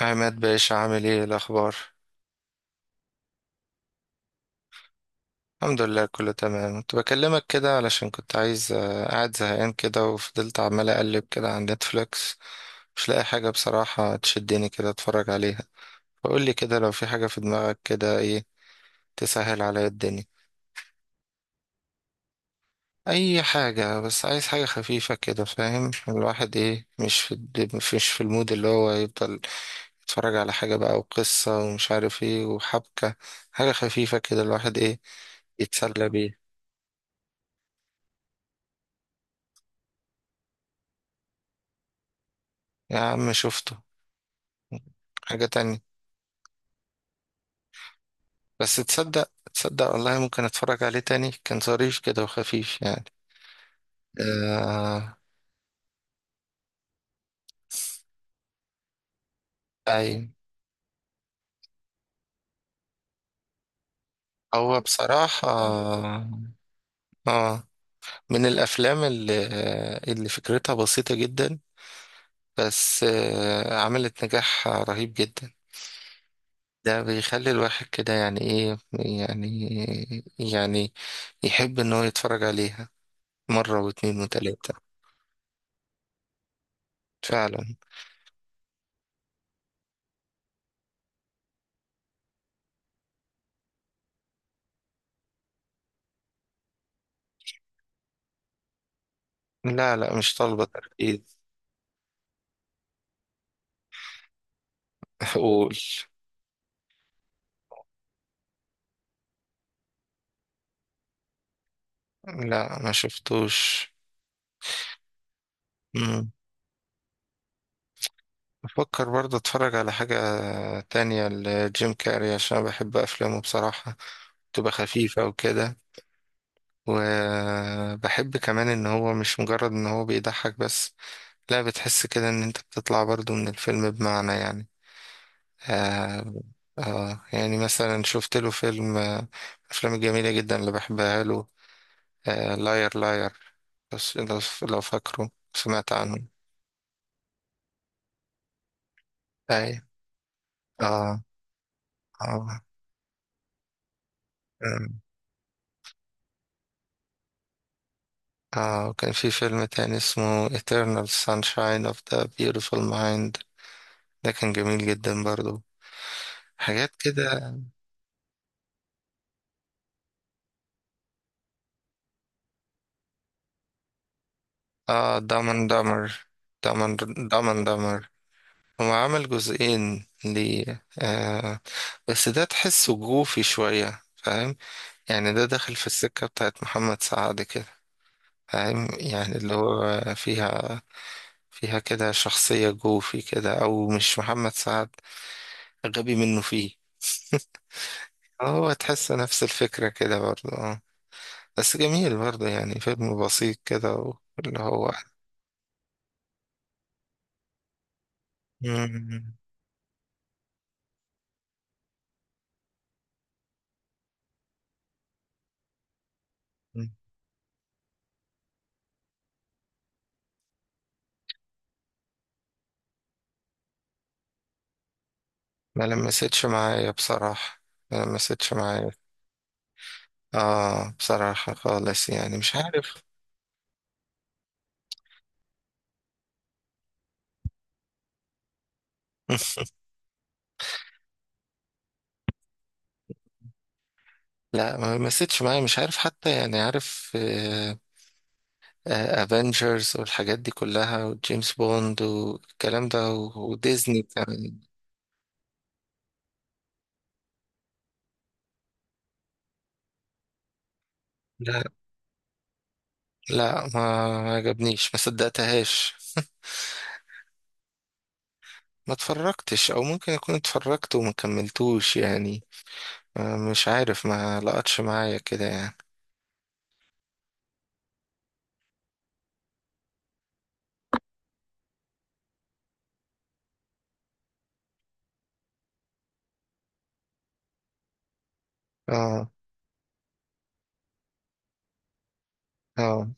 عماد باشا، عامل ايه؟ إيه الاخبار؟ الحمد لله كله تمام. كنت بكلمك كده علشان كنت عايز قاعد زهقان كده، وفضلت عمال اقلب كده على نتفليكس. مش لاقي حاجه بصراحه تشدني كده اتفرج عليها. فقول لي كده لو في حاجه في دماغك كده، ايه تسهل عليا الدنيا. اي حاجه، بس عايز حاجه خفيفه كده، فاهم الواحد ايه؟ مش في المود اللي هو يفضل يتفرج على حاجه بقى وقصه ومش عارف ايه وحبكه. حاجه خفيفه كده الواحد ايه يتسلى بيها. يا عم شفته، حاجة تانية. بس تصدق تصدق والله، ممكن اتفرج عليه تاني، كان ظريف كده وخفيف يعني. آه أي. هو بصراحة، آه من الأفلام اللي فكرتها بسيطة جدا، بس عملت نجاح رهيب جدا. ده بيخلي الواحد كده يعني إيه يعني، يعني يحب إن هو يتفرج عليها مرة واتنين وتلاتة، فعلا. لا لا، مش طالبة تركيز. قول. لا، ما شفتوش. مم. بفكر برضه اتفرج على حاجة تانية لجيم كاري عشان بحب افلامه بصراحة، تبقى خفيفة وكده. وبحب كمان ان هو مش مجرد ان هو بيضحك بس، لا، بتحس كده ان انت بتطلع برضه من الفيلم، بمعنى يعني. آه يعني مثلا شفت له فيلم افلام جميلة جدا اللي بحبها له. آه، لاير لاير. بس لو فاكره، سمعت عنه. اي. اه. اه. أم. اه، وكان في فيلم تاني اسمه Eternal Sunshine of the Beautiful Mind، ده كان جميل جدا برضو. حاجات كده. اه، دامن دامر. دامن دامن دامر. هو عمل جزئين ليه، بس ده تحسه جوفي شوية، فاهم يعني؟ ده داخل في السكة بتاعت محمد سعد كده، فاهم يعني اللي هو فيها؟ فيها كده شخصية جوفي كده، أو مش محمد سعد، غبي منه فيه. هو تحس نفس الفكرة كده برضه، اه. بس جميل برضه يعني، فيلم بسيط كده واللي هو. مم. ما لمستش معايا بصراحة، ما لمستش معايا. اه، بصراحة خالص يعني، مش عارف. لا، ما لمستش معايا، مش عارف حتى يعني، عارف افنجرز والحاجات دي كلها وجيمس بوند والكلام ده، وديزني كمان. لا لا، ما عجبنيش، ما صدقتهاش. ما اتفرجتش، او ممكن اكون اتفرجت وما كملتوش يعني. مش عارف، ما لقتش معايا كده يعني. اه. اه.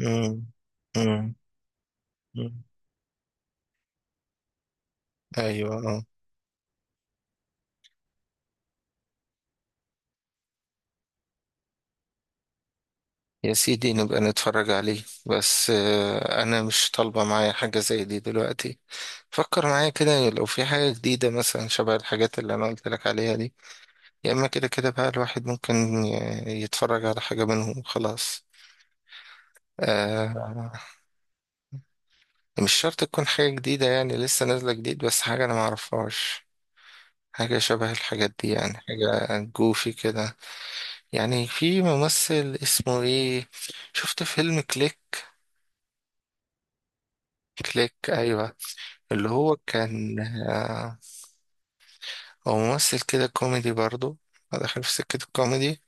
امم. امم. أمم. ايوه، اه. يا سيدي، نبقى نتفرج عليه، بس انا مش طالبه معايا حاجه زي دي دلوقتي. فكر معايا كده لو في حاجه جديده مثلا شبه الحاجات اللي انا قلت لك عليها دي. يا اما كده كده بقى الواحد ممكن يتفرج على حاجه منهم خلاص. آه مش شرط تكون حاجة جديدة يعني لسه نازلة جديد، بس حاجة أنا معرفهاش. حاجة شبه الحاجات دي يعني، حاجة جوفي كده. يعني، في ممثل اسمه ايه، شفت فيلم كليك؟ كليك، أيوة. اللي هو كان، هو ممثل كده كوميدي برضو، داخل في سكة الكوميدي.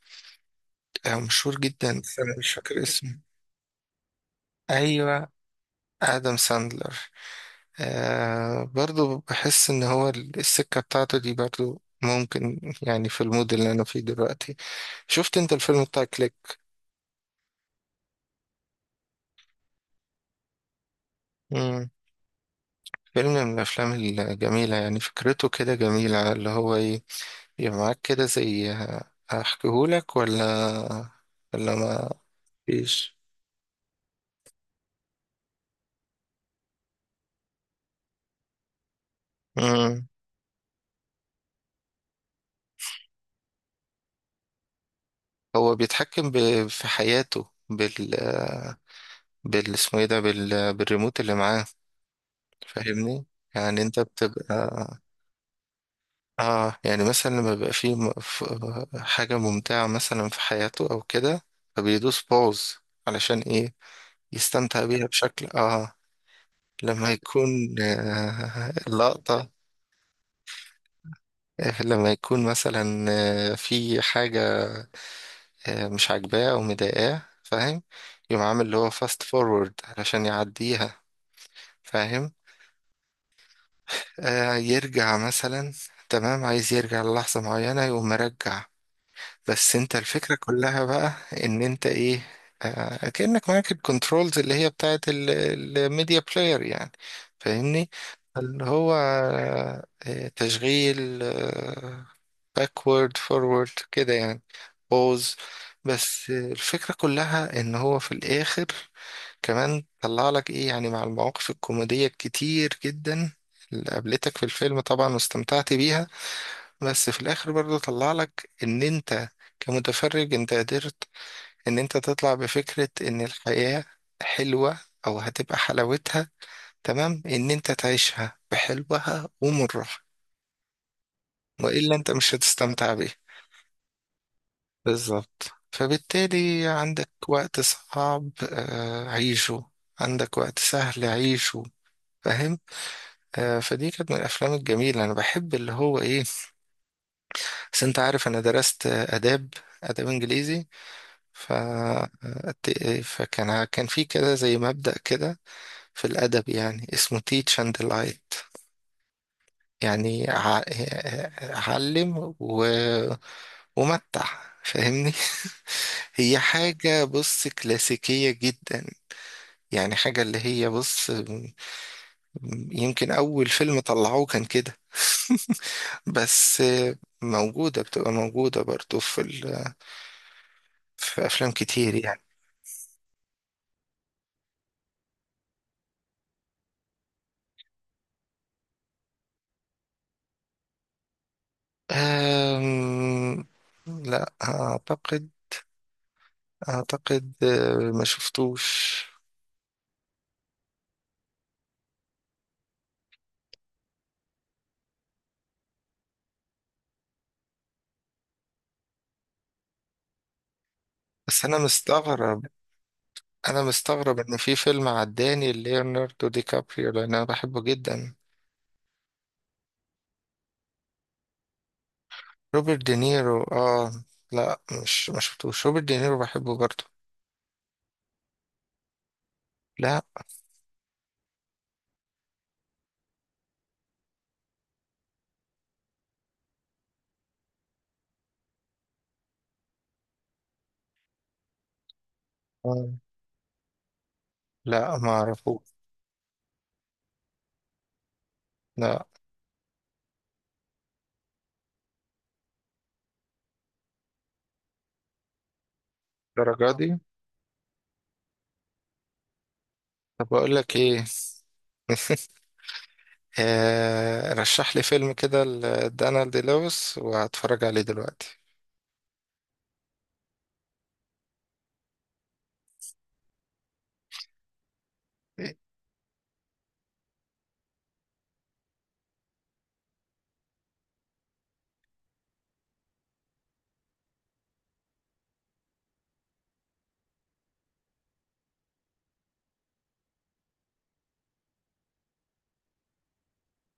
آه، مشهور جدا بس أنا مش فاكر اسمه. أيوة، آدم ساندلر. برضو بحس إن هو، السكة بتاعته دي برضو ممكن يعني في المود اللي أنا فيه دلوقتي. شفت انت الفيلم بتاع كليك؟ مم. فيلم من الافلام الجميله يعني، فكرته كده جميله اللي هو ايه، يبقى معاك كده زي. احكيهولك ولا ما فيش؟ مم. هو بيتحكم في حياته بال اسمه ايه ده، بالريموت اللي معاه، فاهمني؟ يعني انت بتبقى، اه. يعني مثلا لما بيبقى فيه حاجه ممتعه مثلا في حياته او كده، فبيدوس باوز علشان ايه، يستمتع بيها بشكل، اه. لما يكون آه اللقطة آه، لما يكون مثلا في حاجة مش عاجباه أو مضايقاه، فاهم؟ يقوم عامل اللي هو فاست فورورد علشان يعديها، فاهم؟ يرجع مثلا، تمام، عايز يرجع للحظة معينة يقوم مرجع. بس انت الفكرة كلها بقى ان انت ايه، كأنك معاك الكنترولز اللي هي بتاعت الميديا بلاير يعني، فاهمني. اللي هو تشغيل باكورد فورورد كده يعني، بوز. بس الفكرة كلها ان هو في الاخر كمان طلع لك ايه يعني، مع المواقف الكوميدية الكتير جدا اللي قابلتك في الفيلم طبعا واستمتعت بيها، بس في الاخر برضو طلع لك ان انت كمتفرج انت قدرت ان انت تطلع بفكرة ان الحياة حلوة، او هتبقى حلاوتها تمام ان انت تعيشها بحلوها ومرها، والا انت مش هتستمتع بيها. بالظبط. فبالتالي عندك وقت صعب عيشه، عندك وقت سهل عيشه، فاهم؟ فدي كانت من الافلام الجميلة. انا بحب اللي هو ايه، بس انت عارف انا درست اداب انجليزي. ف... فكان في كده زي مبدأ كده في الأدب، يعني اسمه teach and delight، يعني علم ومتع، فاهمني؟ هي حاجة بص كلاسيكية جدا يعني، حاجة اللي هي بص، يمكن أول فيلم طلعوه كان كده. بس موجودة، بتبقى موجودة برضو في في أفلام كتير يعني. أم... لا أعتقد ما شفتوش. بس أنا مستغرب إن في فيلم عداني ليوناردو دي كابريو، لأن أنا بحبه جدا. روبرت دينيرو، آه. لا، مش ما شفتوش، روبرت دينيرو بحبه برضه. لا. آه. لا، ما أعرفوش. لا. الدرجة دي؟ طب أقول لك إيه؟ رشح لي فيلم كده لدانالد دي لويس وهتفرج عليه دلوقتي.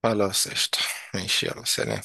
خلاص قشطة، ماشي، يلا، سلام.